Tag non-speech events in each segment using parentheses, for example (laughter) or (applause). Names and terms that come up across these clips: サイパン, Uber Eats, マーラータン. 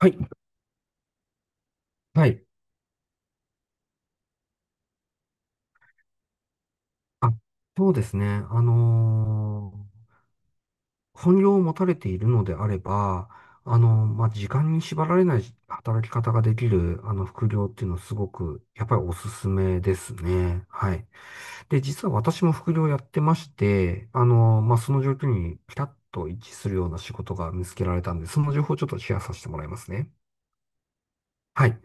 はい、はい。あ、そうですね。本業を持たれているのであれば、まあ、時間に縛られない働き方ができる、副業っていうのはすごく、やっぱりおすすめですね。はい。で、実は私も副業やってまして、まあ、その状況にピタッと一致するような仕事が見つけられたんで、その情報をちょっとシェアさせてもらいますね。はい。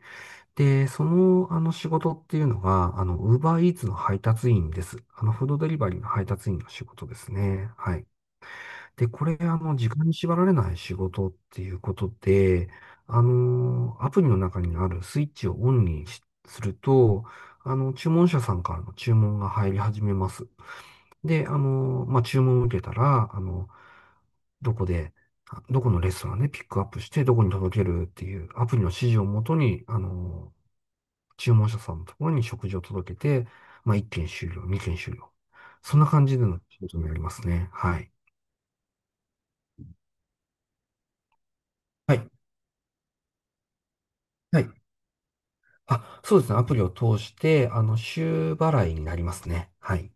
で、その仕事っていうのが、ウーバーイーツの配達員です。あの、フードデリバリーの配達員の仕事ですね。はい。で、これ、時間に縛られない仕事っていうことで、アプリの中にあるスイッチをオンにしすると、注文者さんからの注文が入り始めます。で、注文を受けたら、どこで、どこのレストランでピックアップして、どこに届けるっていうアプリの指示をもとに、注文者さんのところに食事を届けて、まあ、1件終了、2件終了。そんな感じでの仕事になりますね。はい。はい。はい。あ、そうですね。アプリを通して、週払いになりますね。はい。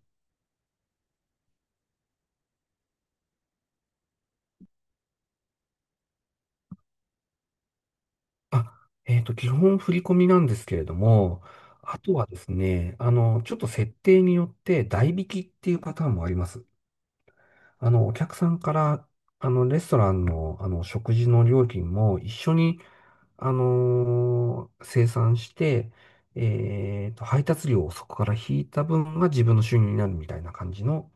あ、基本振り込みなんですけれども、あとはですね、ちょっと設定によって代引きっていうパターンもあります。あの、お客さんから、あの、レストランの、食事の料金も一緒に生産して、えっと、配達料をそこから引いた分が自分の収入になるみたいな感じの、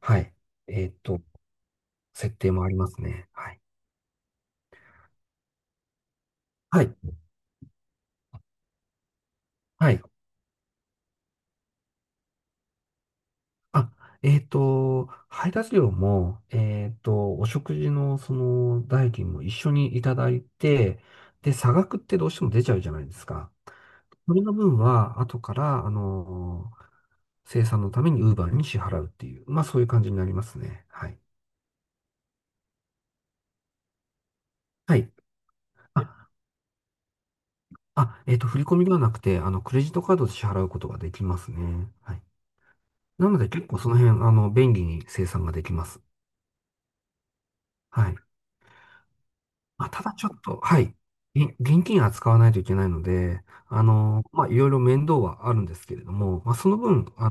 はい、えっと、設定もありますね。はい。はい。はい。あ、えっと、配達料も、えっと、お食事のその代金も一緒にいただいて、で、差額ってどうしても出ちゃうじゃないですか。それの分は、後から、生産のために Uber に支払うっていう、まあそういう感じになりますね。はい。はい。あ、振り込みではなくて、クレジットカードで支払うことができますね。はい。なので、結構その辺、便利に生産ができます。はい。まあ、ただちょっと、はい。現金扱わないといけないので、まあ、いろいろ面倒はあるんですけれども、まあ、その分、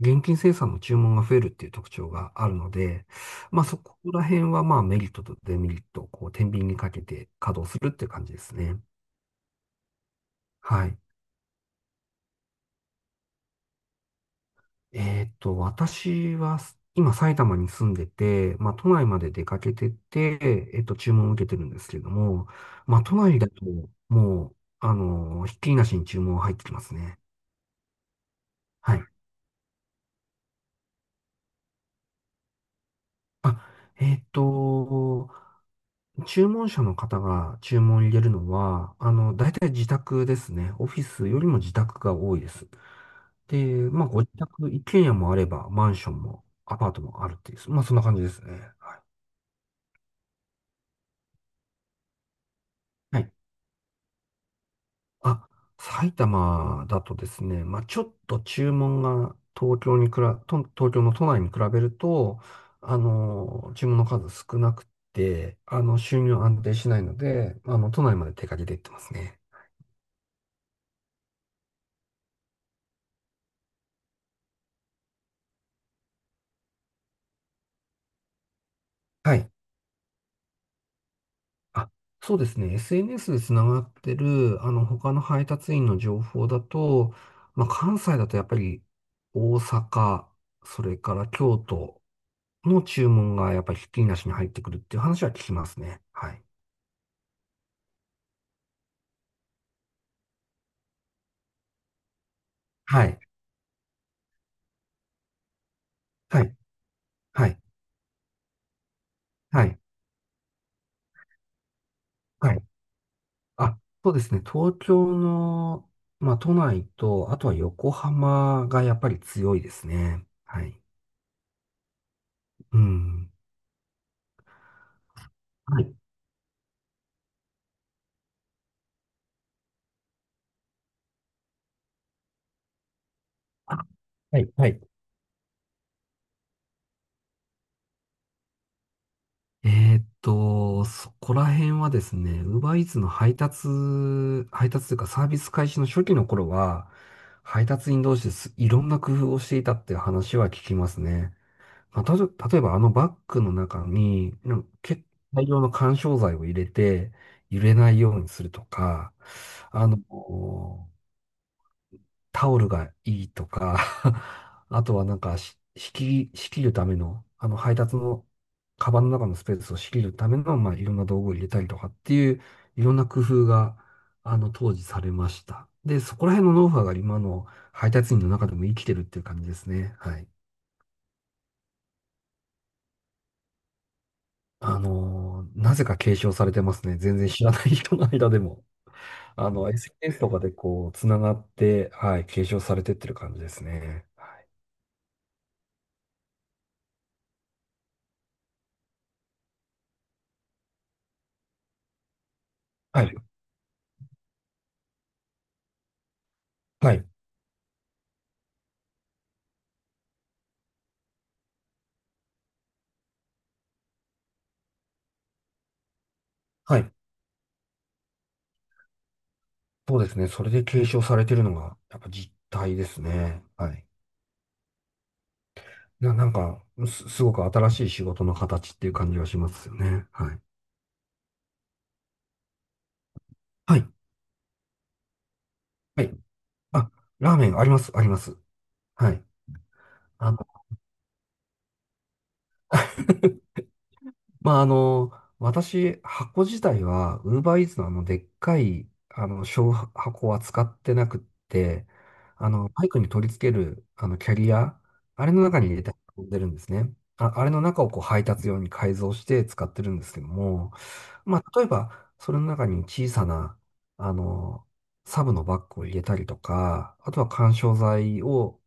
現金生産の注文が増えるっていう特徴があるので、まあ、そこら辺は、まあ、メリットとデメリットを、こう、天秤にかけて稼働するっていう感じですね。はい。えーっと、私は今埼玉に住んでて、まあ都内まで出かけてて、えっと注文を受けてるんですけども、まあ都内だともう、ひっきりなしに注文入ってきますね。はい。あ、えーっと、注文者の方が注文を入れるのは、大体自宅ですね。オフィスよりも自宅が多いです。で、まあご自宅、一軒家もあれば、マンションもアパートもあるっていう、まあそんな感じですね。はい。はい。あ、埼玉だとですね、まあ、ちょっと注文が東京にくら、と東京の都内に比べると、注文の数少なくて、収入安定しないので、都内まで手掛けていってますね。はい。あ、そうですね。SNS でつながってる、他の配達員の情報だと、まあ、関西だとやっぱり大阪、それから京都の注文がやっぱりひっきりなしに入ってくるっていう話は聞きますね。はい。はい。はい、はい、はい、はい。あ、そうですね。東京の、まあ、都内と、あとは横浜がやっぱり強いですね。はい。うん。はい。あはい、はい。えーっと、そこら辺はですね、UberEats の配達、配達というかサービス開始の初期の頃は、配達員同士です。いろんな工夫をしていたっていう話は聞きますね。まあ、例えばあのバッグの中に、なんか結構大量の緩衝材を入れて、揺れないようにするとか、あの、タオルがいいとか、(laughs) あとはなんかし、仕切るための、あの配達の、カバンの中のスペースを仕切るための、まあ、いろんな道具を入れたりとかっていう、いろんな工夫が、当時されました。で、そこら辺のノウハウが今の配達員の中でも生きてるっていう感じですね。はい。なぜか継承されてますね。全然知らない人の間でも。あの、SNS とかでこう、つながって、はい、継承されてってる感じですね。はい、はい、はい。そうですね。それで継承されてるのが、やっぱ実態ですね。はい。なんか、すごく新しい仕事の形っていう感じがしますよね。はい。はい、はい。あ、ラーメンあります、あります。はい。あの (laughs) まあ、あの、私、箱自体は、ウーバーイーツのあの、でっかい、あの、小箱は使ってなくって、バイクに取り付ける、キャリア、あれの中に入れて運んでるんですね。あ、あれの中をこう配達用に改造して使ってるんですけども、まあ、例えば、それの中に小さな、あの、サブのバッグを入れたりとか、あとは緩衝材を、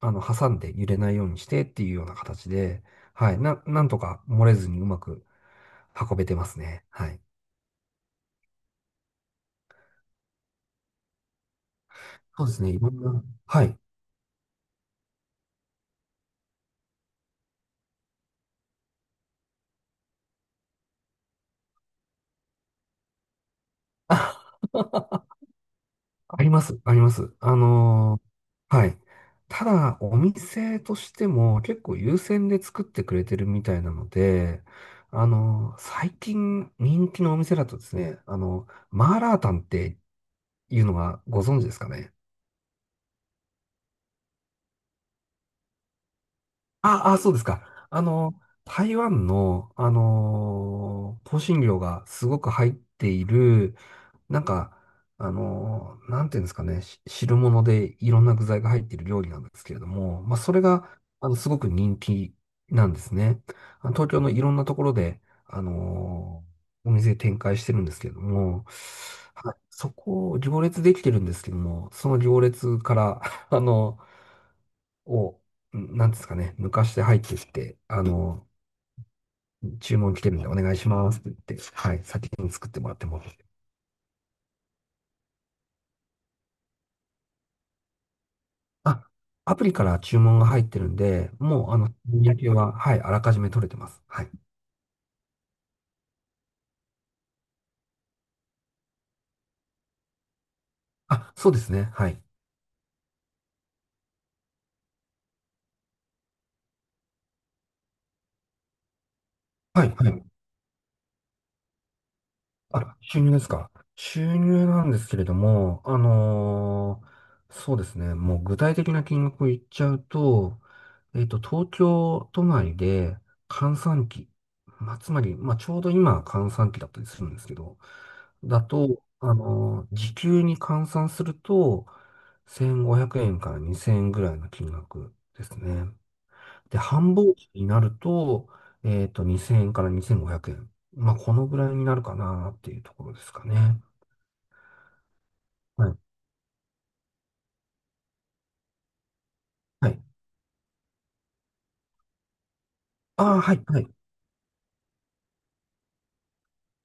挟んで揺れないようにしてっていうような形で、はい。なんとか漏れずにうまく運べてますね。はい。そうですね。いろんな、はい。あります。あります。はい。ただ、お店としても結構優先で作ってくれてるみたいなので、最近人気のお店だとですね、マーラータンっていうのはご存知ですかね。ああ、そうですか。台湾の、香辛料がすごく入っている、なんか、なんていうんですかね、汁物でいろんな具材が入っている料理なんですけれども、まあ、それが、あの、すごく人気なんですね。あの東京のいろんなところで、お店展開してるんですけれども、はいそこを行列できてるんですけども、その行列から、(laughs) あの、を、なんですかね、抜かして入ってきて、注文来てるんでお願いしますって言って、はい、先に作ってもらっても。あ、アプリから注文が入ってるんで、もう、日焼けは、はい、あらかじめ取れてます。はい。あ、そうですね。はい。はい、はい。あ、収入ですか。収入なんですけれども、そうですね。もう具体的な金額を言っちゃうと、えっと、東京都内で閑散期、まあ、つまり、まあ、ちょうど今閑散期だったりするんですけど、だと、時給に換算すると、1500円から2000円ぐらいの金額ですね。で、繁忙期になると、えっと、2000円から2500円。まあ、このぐらいになるかなっていうところですかね。はい。はい。ああ、はい、はい。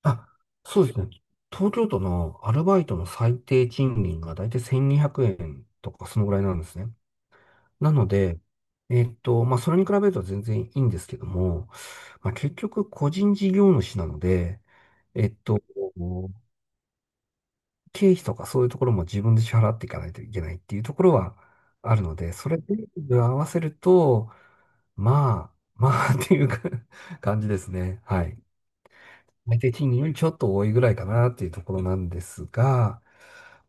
あ、そうですね。東京都のアルバイトの最低賃金がだいたい1200円とか、そのぐらいなんですね。なので、まあ、それに比べると全然いいんですけども、まあ、結局、個人事業主なので、えっと、経費とかそういうところも自分で支払っていかないといけないっていうところはあるので、それで合わせると、まあ、まあ (laughs) っていうか (laughs) 感じですね。はい。最低賃金よりちょっと多いぐらいかなっていうところなんですが、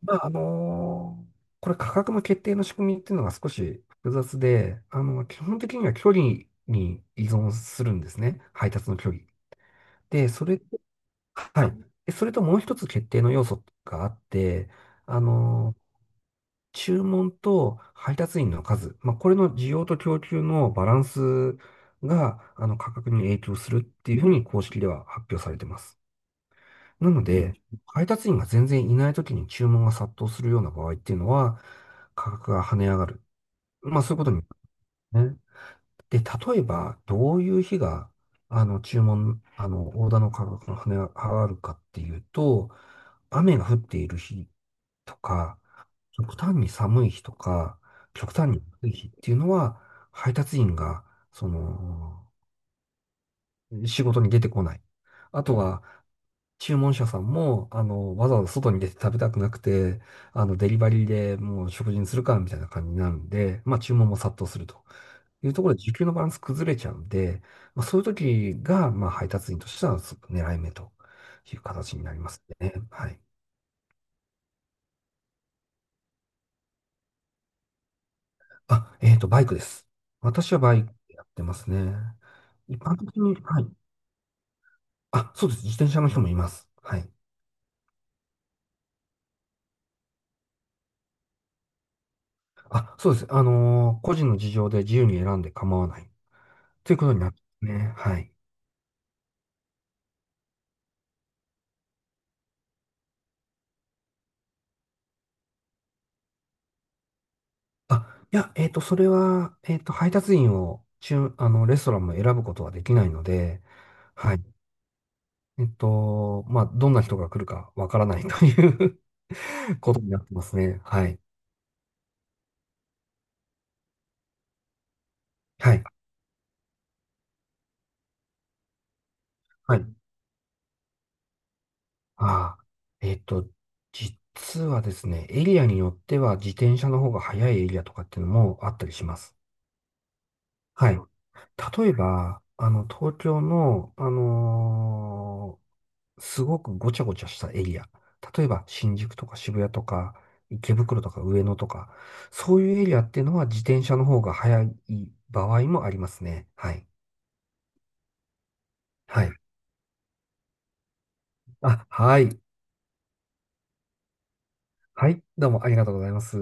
まあ、これ価格の決定の仕組みっていうのが少し複雑で、あの、基本的には距離に依存するんですね。配達の距離。で、それ、はい。でそれともう一つ決定の要素があって、あの注文と配達員の数、まあ、これの需要と供給のバランスが、あの、価格に影響するっていうふうに公式では発表されてます。なので、配達員が全然いない時に注文が殺到するような場合っていうのは、価格が跳ね上がる。まあ、そういうことになるんですね。で、例えば、どういう日が、あの、注文、あの、オーダーの価格が跳ね上がるかっていうと、雨が降っている日とか、極端に寒い日とか、極端に暑い日っていうのは、配達員が、その、仕事に出てこない。あとは、注文者さんも、あの、わざわざ外に出て食べたくなくて、あの、デリバリーでもう食事にするか、みたいな感じになるんで、まあ、注文も殺到するというところで、需給のバランス崩れちゃうんで、まあ、そういう時が、まあ、配達員としては、すごく狙い目という形になりますね。はい。あ、バイクです。私はバイクやってますね。一般的に、はい。あ、そうです。自転車の人もいます。はい。あ、そうです。個人の事情で自由に選んで構わない。ということになってますね。はい。あ、いや、それは、配達員を、中、あの、レストランも選ぶことはできないので、はい。まあ、どんな人が来るかわからないという (laughs) ことになってますね。はい。はい。はい。ああ、えっと、実はですね、エリアによっては自転車の方が速いエリアとかっていうのもあったりします。はい。例えば、あの、東京の、すごくごちゃごちゃしたエリア。例えば、新宿とか渋谷とか、池袋とか上野とか、そういうエリアっていうのは自転車の方が速い場合もありますね。はい。はい。あ、はい。はい。どうもありがとうございます。